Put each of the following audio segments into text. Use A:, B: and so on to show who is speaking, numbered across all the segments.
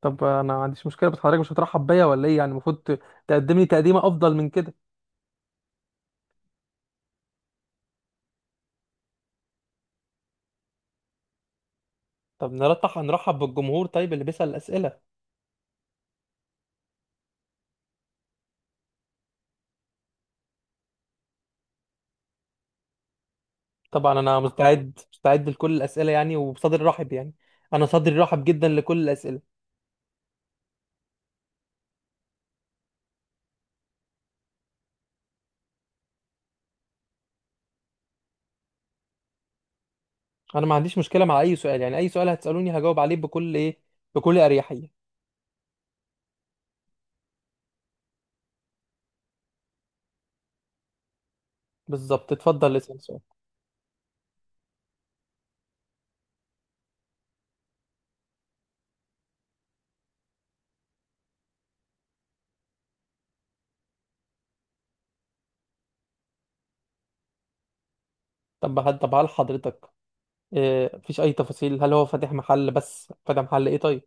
A: طب انا ما عنديش مشكله، بس حضرتك مش هترحب بيا ولا ايه؟ يعني المفروض تقدم لي تقديمه افضل من كده. طب نرتح، هنرحب بالجمهور، طيب اللي بيسال الاسئله. طبعا انا مستعد مستعد لكل الاسئله يعني، وبصدر رحب يعني. انا صدري رحب جدا لكل الاسئله. انا ما عنديش مشكله مع اي سؤال، يعني اي سؤال هتسالوني هجاوب عليه بكل اريحيه. بالظبط، اتفضل اسال سؤال. طب هل حضرتك إيه؟ مفيش اي تفاصيل؟ هل هو فاتح محل بس؟ فاتح محل ايه؟ طيب.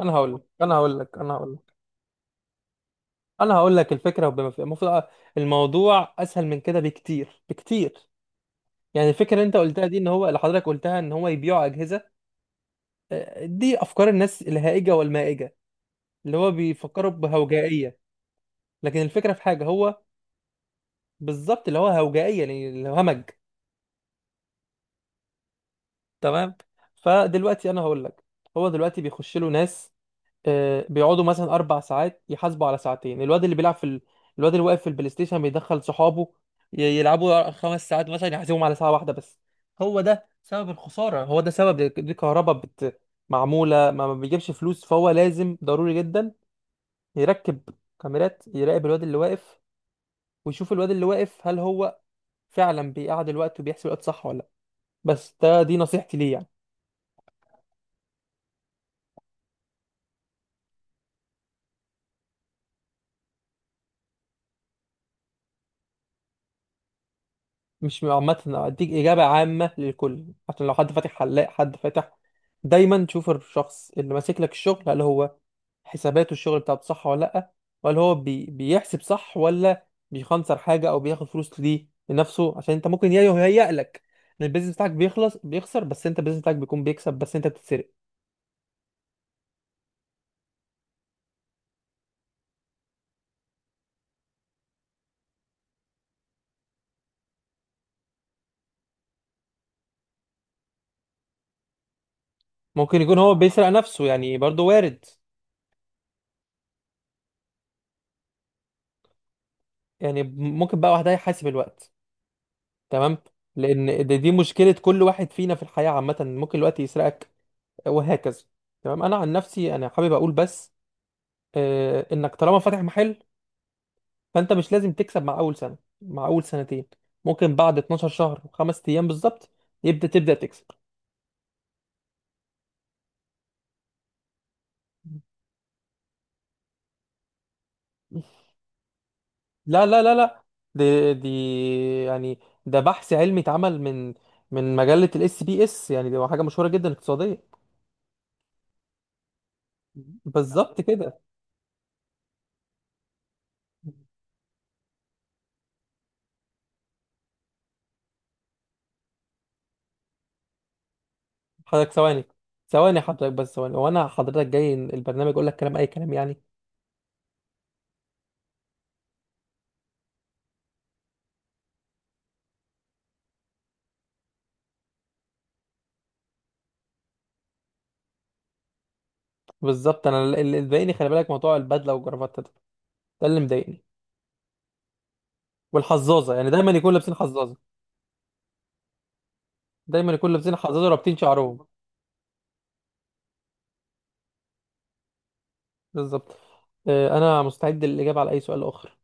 A: انا هقول لك الفكره المفروض، الموضوع اسهل من كده بكتير بكتير. يعني الفكره اللي انت قلتها دي ان هو، اللي حضرتك قلتها ان هو يبيعوا اجهزه. دي افكار الناس الهائجه والمائجه، اللي هو بيفكروا بهوجائيه. لكن الفكره في حاجه هو. بالظبط، اللي هو هوجائيه يعني اللي هو همج. تمام. فدلوقتي انا هقول لك، هو دلوقتي بيخش له ناس، بيقعدوا مثلا 4 ساعات يحاسبوا على ساعتين. الواد اللي واقف في البلاي ستيشن بيدخل صحابه، يلعبوا 5 ساعات مثلا يحاسبهم على ساعه واحده بس. هو ده سبب الخساره، هو ده سبب، دي كهرباء معموله، ما بيجيبش فلوس. فهو لازم ضروري جدا يركب كاميرات يراقب الواد اللي واقف، ويشوف الواد اللي واقف هل هو فعلا بيقعد الوقت وبيحسب الوقت صح ولا لا. بس ده دي نصيحتي ليه يعني. مش عامة، أديك إجابة عامة للكل. عشان لو حد فاتح حلاق، حد فاتح، دايما تشوف الشخص اللي ماسك لك الشغل هل هو حساباته الشغل بتاعته صح ولا لأ، ولا هو بيحسب صح ولا بيخنصر حاجة أو بياخد فلوس ليه لنفسه. عشان أنت ممكن يهيأ لك إن البيزنس بتاعك بيخلص بيخسر، بس أنت البيزنس بتاعك بيكون بيكسب، بس أنت بتتسرق. ممكن يكون هو بيسرق نفسه، يعني برضه وارد. يعني ممكن بقى واحد يحاسب الوقت. تمام. لأن دي مشكلة كل واحد فينا في الحياة عامة، ممكن الوقت يسرقك. وهكذا. تمام، انا عن نفسي انا حابب اقول بس انك طالما فاتح محل، فانت مش لازم تكسب مع اول سنه مع اول سنتين. ممكن بعد 12 شهر وخمس ايام بالظبط يبدا تبدا تكسب. لا لا لا لا، دي يعني، ده بحث علمي اتعمل من مجله الاس بي اس. يعني دي حاجه مشهوره جدا اقتصاديه. بالظبط كده. حضرتك ثواني، ثواني حضرتك بس ثواني. وانا حضرتك جاي البرنامج اقول لك كلام؟ اي كلام يعني؟ بالظبط، انا اللي مضايقني، خلي بالك، موضوع البدله والجرافته ده، ده اللي مضايقني. والحظاظه، يعني دايما يكون لابسين حظاظه، دايما يكون لابسين حظاظه ورابطين شعرهم. بالظبط، انا مستعد للاجابه على اي سؤال اخر.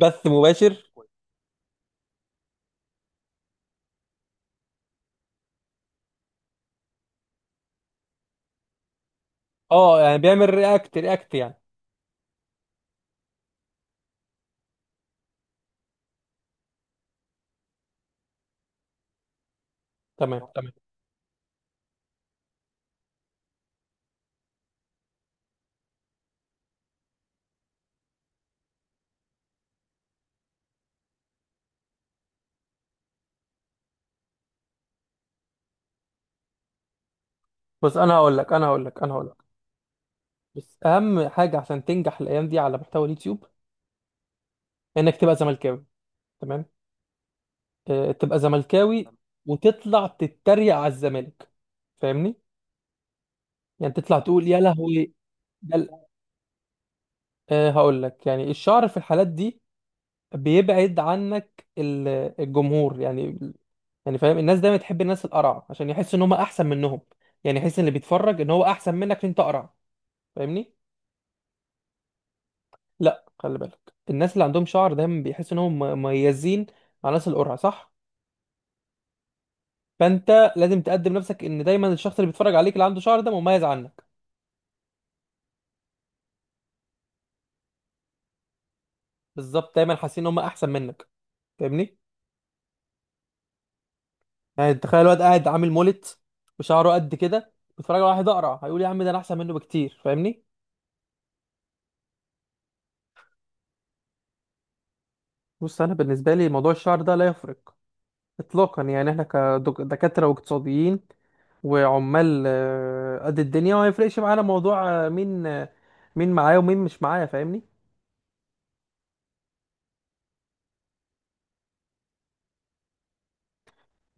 A: بث مباشر. اه يعني بيعمل رياكت رياكت يعني. تمام تمام. بص، انا هقول لك بس اهم حاجه عشان تنجح الايام دي على محتوى اليوتيوب، انك تبقى زملكاوي. تمام. تبقى زملكاوي، وتطلع تتريق على الزمالك، فاهمني؟ يعني تطلع تقول يا لهوي ده. أه هقول لك، يعني الشعر في الحالات دي بيبعد عنك الجمهور يعني. يعني فاهم، الناس دايما تحب الناس القرع عشان يحس ان هم احسن منهم. يعني يحس ان اللي بيتفرج ان هو احسن منك عشان انت قرع، فاهمني؟ لا، خلي بالك، الناس اللي عندهم شعر دايما بيحسوا ان هم مميزين عن الناس القرع، صح؟ فانت لازم تقدم نفسك ان دايما الشخص اللي بيتفرج عليك اللي عنده شعر ده مميز عنك. بالظبط، دايما حاسين ان هم احسن منك، فاهمني؟ يعني تخيل الواد قاعد عامل مولت، وشعره قد كده، بيتفرج على واحد اقرع، هيقول يا عم ده انا احسن منه بكتير، فاهمني؟ بص، انا بالنسبه لي موضوع الشعر ده لا يفرق اطلاقا. يعني احنا كدكاتره واقتصاديين وعمال، قد الدنيا، وما يفرقش معانا موضوع مين معايا ومين مش معايا، فاهمني؟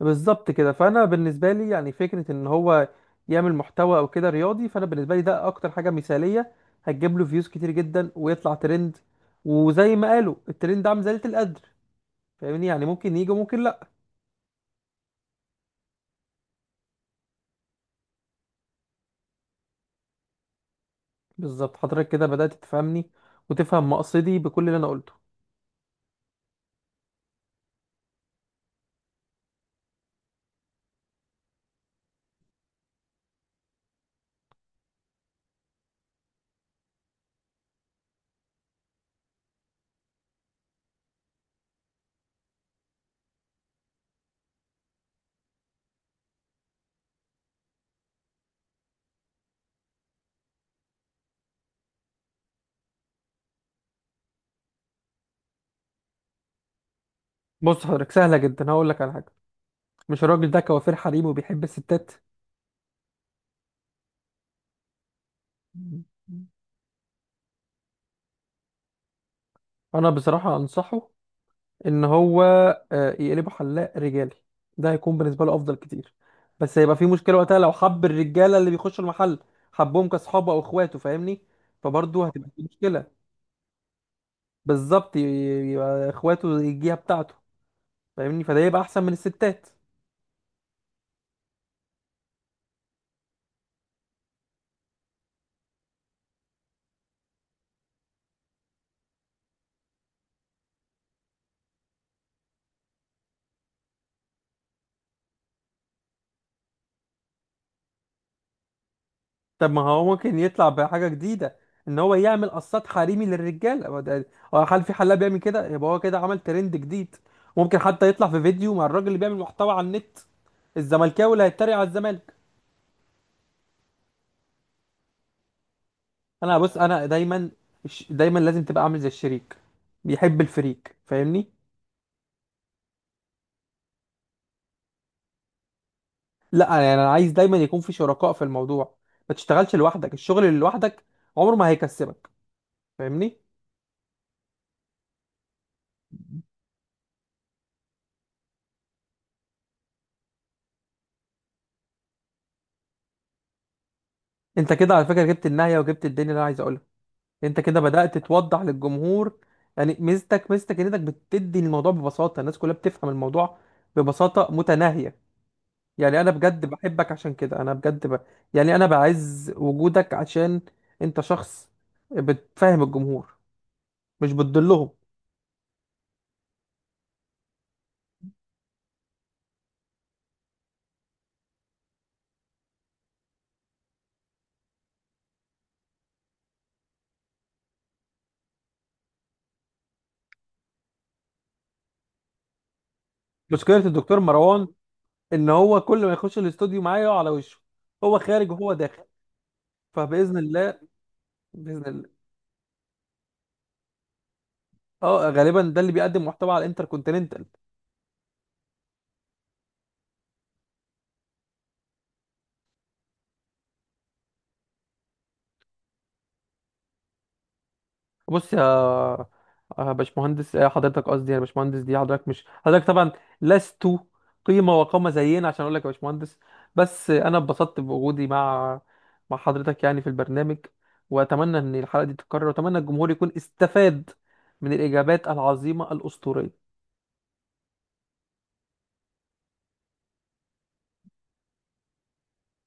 A: بالظبط كده، فانا بالنسبه لي يعني فكره ان هو يعمل محتوى او كده رياضي، فانا بالنسبه لي ده اكتر حاجه مثاليه، هتجيب له فيوز كتير جدا ويطلع ترند. وزي ما قالوا الترند ده عامل زلة القدر، فاهمني؟ يعني ممكن يجي وممكن لا. بالظبط، حضرتك كده بدأت تفهمني وتفهم مقصدي بكل اللي انا قلته. بص حضرتك، سهلة جدا، هقول لك على حاجة. مش الراجل ده كوافير حريم وبيحب الستات؟ انا بصراحة انصحه ان هو يقلبه حلاق رجالي. ده هيكون بالنسبة له افضل كتير. بس هيبقى في مشكلة وقتها لو حب الرجالة اللي بيخشوا المحل، حبهم كاصحابه او اخواته، فاهمني؟ فبرضه هتبقى في مشكلة. بالظبط، يبقى اخواته يجيها بتاعته، فاهمني؟ فده يبقى احسن من الستات. طب ما هو ممكن يطلع بحاجة جديدة، ان هو يعمل قصات حريمي للرجال. هو، هل في حلاق بيعمل كده؟ يبقى هو كده عمل ترند جديد. ممكن حتى يطلع في فيديو مع الراجل اللي بيعمل محتوى على النت، الزملكاوي اللي هيتريق على الزمالك. بص، انا دايما، دايما لازم تبقى عامل زي الشريك بيحب الفريق، فاهمني؟ لا يعني، انا عايز دايما يكون في شركاء في الموضوع. ما تشتغلش لوحدك، الشغل اللي لوحدك عمره ما هيكسبك، فاهمني؟ انت كده على فكرة جبت النهاية وجبت الدنيا اللي انا عايز اقولها. انت كده بدأت توضح للجمهور. يعني ميزتك، ميزتك انك بتدي الموضوع ببساطة، الناس كلها بتفهم الموضوع ببساطة متناهية. يعني انا بجد بحبك، عشان كده انا بجد يعني انا بعز وجودك، عشان انت شخص بتفهم الجمهور، مش بتضلهم. مشكلة الدكتور مروان ان هو كل ما يخش الاستوديو معايا يقع على وشه، هو خارج وهو داخل. فبإذن الله. بإذن الله. اه غالبا ده اللي بيقدم محتوى على الانتر. بص يا باشمهندس، حضرتك، قصدي يا باشمهندس، دي حضرتك، مش حضرتك طبعا لست قيمة وقامة زينا عشان اقول لك يا باشمهندس. بس انا اتبسطت بوجودي مع حضرتك يعني في البرنامج، واتمنى ان الحلقة دي تتكرر، واتمنى الجمهور يكون استفاد من الاجابات العظيمة الاسطورية.